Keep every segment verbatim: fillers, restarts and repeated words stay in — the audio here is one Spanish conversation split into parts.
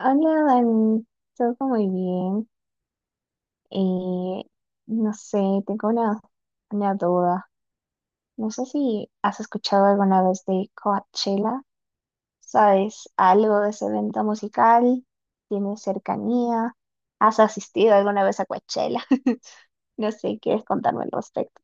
Hola, Dani, todo muy bien. Eh, no sé, tengo una, una duda. No sé si has escuchado alguna vez de Coachella. ¿Sabes algo de ese evento musical? ¿Tienes cercanía? ¿Has asistido alguna vez a Coachella? No sé, ¿quieres contarme al respecto?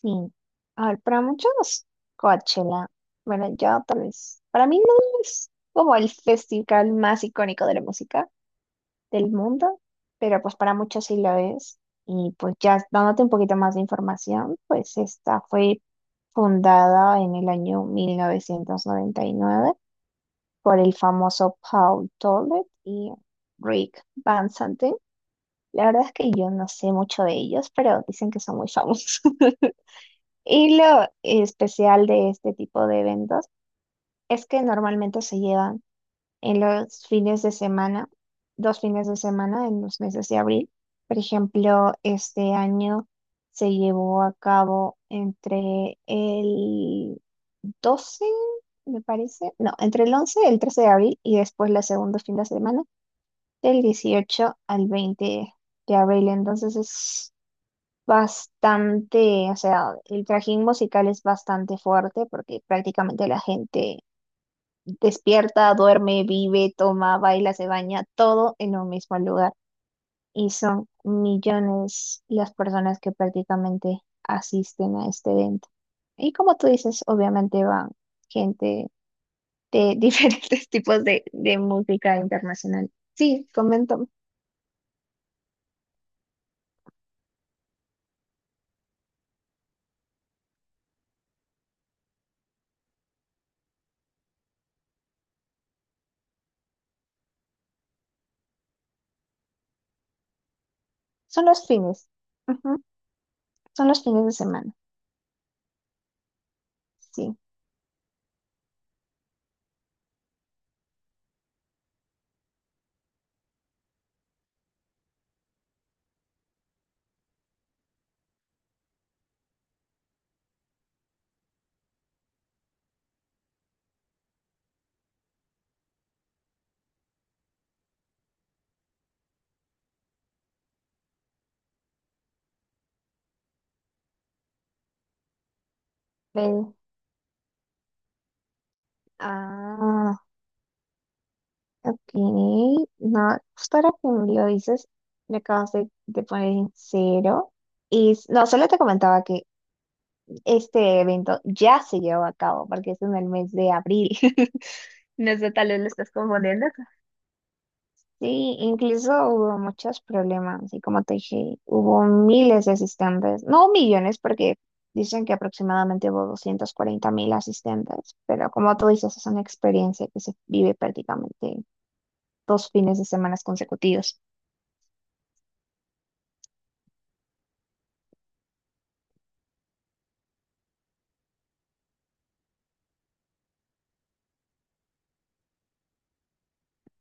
Sí. A ver, para muchos, Coachella, bueno, yo tal vez, para mí no es como el festival más icónico de la música del mundo, pero pues para muchos sí lo es. Y pues ya dándote un poquito más de información, pues esta fue fundada en el año mil novecientos noventa y nueve por el famoso Paul Tollett y Rick Van Santen. La verdad es que yo no sé mucho de ellos, pero dicen que son muy famosos. Y lo especial de este tipo de eventos es que normalmente se llevan en los fines de semana, dos fines de semana en los meses de abril. Por ejemplo, este año se llevó a cabo entre el doce, me parece, no, entre el once el trece de abril, y después la segunda fin de semana del dieciocho al veinte de abril. Entonces es bastante, o sea, el trajín musical es bastante fuerte porque prácticamente la gente despierta, duerme, vive, toma, baila, se baña, todo en un mismo lugar. Y son millones las personas que prácticamente asisten a este evento. Y como tú dices, obviamente van gente de diferentes tipos de, de música internacional. Sí, comento. Son los fines. Ujú. Son los fines de semana. Sí. Ve- Ah, ok, no, justo ahora que me lo dices, me acabas de, de poner en cero. Y s- no, solo te comentaba que este evento ya se llevó a cabo porque es en el mes de abril. No sé, tal vez lo estás confundiendo. Sí, incluso hubo muchos problemas y como te dije, hubo miles de asistentes, no millones, porque dicen que aproximadamente hubo doscientos cuarenta mil asistentes, pero como tú dices, es una experiencia que se vive prácticamente dos fines de semana consecutivos.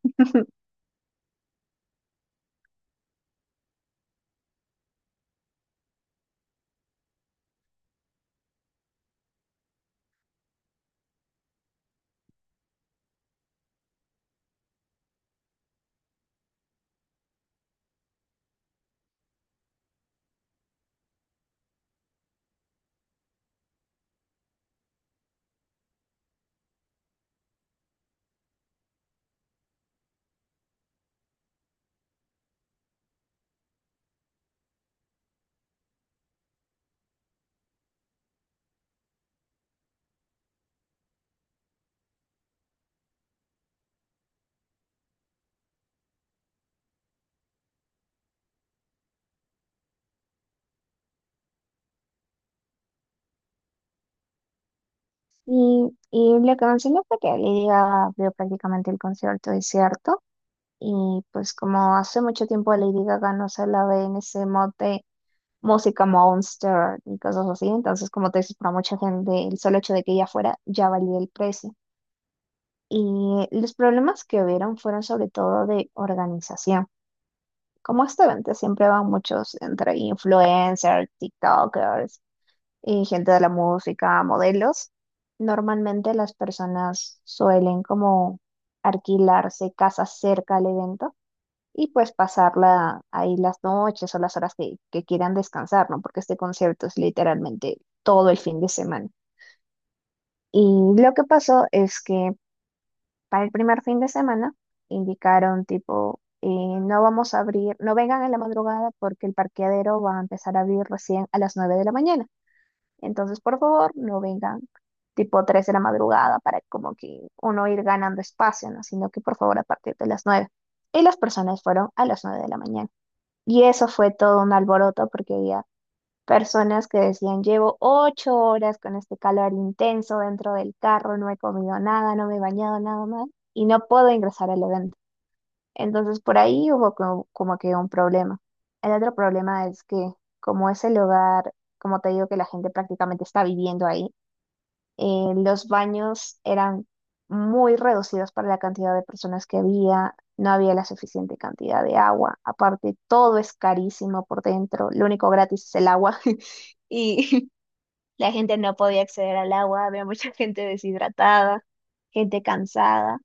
Y, y lo que mencionó fue que Lady Gaga abrió prácticamente el concierto, es cierto. Y pues, como hace mucho tiempo a Lady Gaga no se la ve en ese mod de música monster y cosas así, entonces como te dices, para mucha gente el solo hecho de que ella fuera ya valía el precio. Y los problemas que hubieron fueron sobre todo de organización. Como este evento siempre van muchos entre influencers, TikTokers y gente de la música, modelos, normalmente las personas suelen como alquilarse casas cerca al evento y pues pasarla ahí las noches o las horas que, que quieran descansar, ¿no? Porque este concierto es literalmente todo el fin de semana. Y lo que pasó es que para el primer fin de semana indicaron tipo, eh, no vamos a abrir, no vengan en la madrugada porque el parqueadero va a empezar a abrir recién a las nueve de la mañana. Entonces, por favor, no vengan tipo tres de la madrugada para como que uno ir ganando espacio, ¿no? Sino que, por favor, a partir de las nueve. Y las personas fueron a las nueve de la mañana. Y eso fue todo un alboroto porque había personas que decían, llevo ocho horas con este calor intenso dentro del carro, no he comido nada, no me he bañado nada más y no puedo ingresar al evento. Entonces por ahí hubo como, como que un problema. El otro problema es que como es el hogar, como te digo que la gente prácticamente está viviendo ahí, eh, los baños eran muy reducidos para la cantidad de personas que había, no había la suficiente cantidad de agua. Aparte, todo es carísimo por dentro, lo único gratis es el agua y la gente no podía acceder al agua, había mucha gente deshidratada, gente cansada.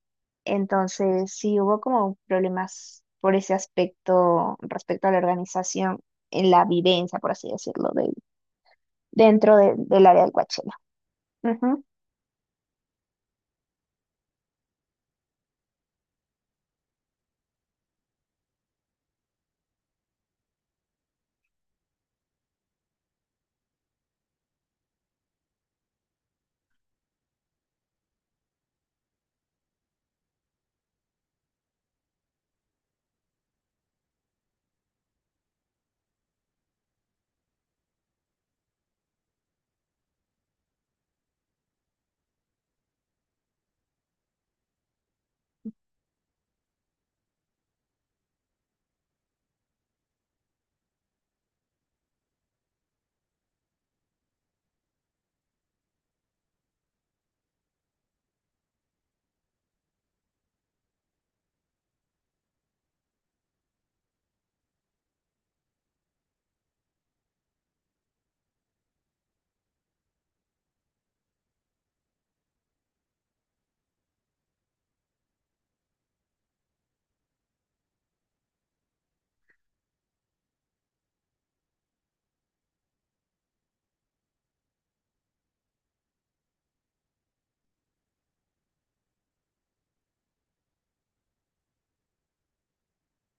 Entonces, sí hubo como problemas por ese aspecto respecto a la organización en la vivencia, por así decirlo, del- dentro de- del área del Coachella.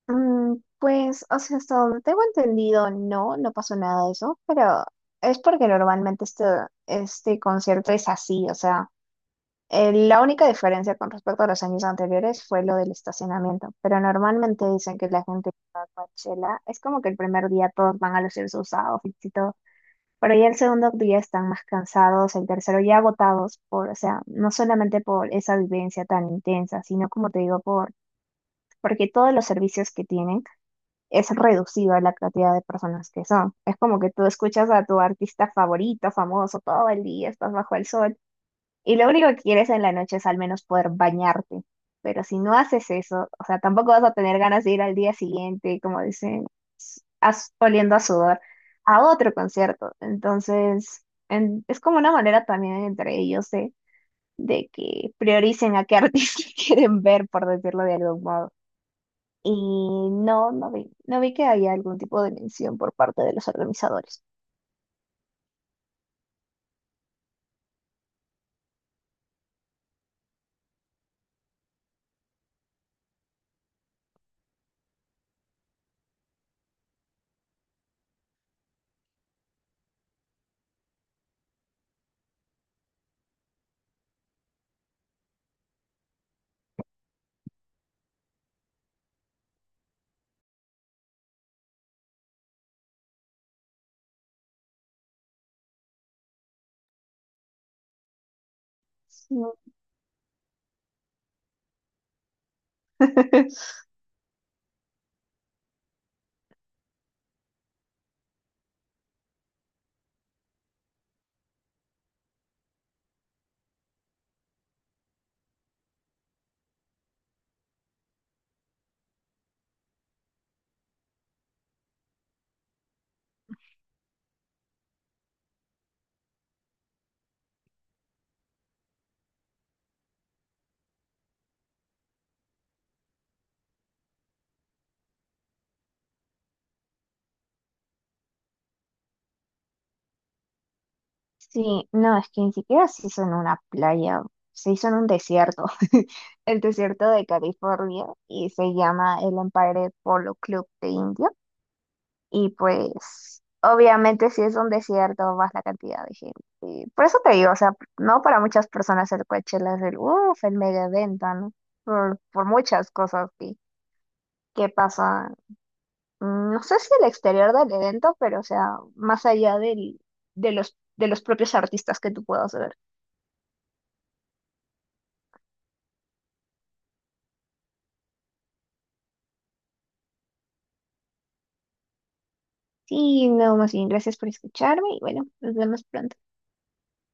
Mm, pues, o sea, hasta donde tengo entendido, no, no pasó nada de eso, pero es porque normalmente este, este concierto es así, o sea, eh, la única diferencia con respecto a los años anteriores fue lo del estacionamiento, pero normalmente dicen que la gente que va a Coachella es como que el primer día todos van a lucir sus outfits y todo, pero ya el segundo día están más cansados, el tercero ya agotados por, o sea, no solamente por esa vivencia tan intensa, sino, como te digo, por, porque todos los servicios que tienen es reducida la cantidad de personas que son. Es como que tú escuchas a tu artista favorito, famoso, todo el día, estás bajo el sol, y lo único que quieres en la noche es al menos poder bañarte. Pero si no haces eso, o sea, tampoco vas a tener ganas de ir al día siguiente, como dicen, as- oliendo a sudor, a otro concierto. Entonces, en- es como una manera también entre ellos de, de, que prioricen a qué artista quieren ver, por decirlo de algún modo. Y no, no vi, no vi que había algún tipo de mención por parte de los organizadores. No. Sí, no, es que ni siquiera se hizo en una playa, se hizo en un desierto, el desierto de California, y se llama el Empire Polo Club de India. Y pues, obviamente, si es un desierto, más la cantidad de gente. Y por eso te digo, o sea, no, para muchas personas el Coachella es el, uff, el mega evento, ¿no? Por, por muchas cosas que, que pasan, mm, no sé si el exterior del evento, pero, o sea, más allá del, de los, de los propios artistas que tú puedas ver. Sí, no, más bien, gracias por escucharme y bueno, nos vemos pronto.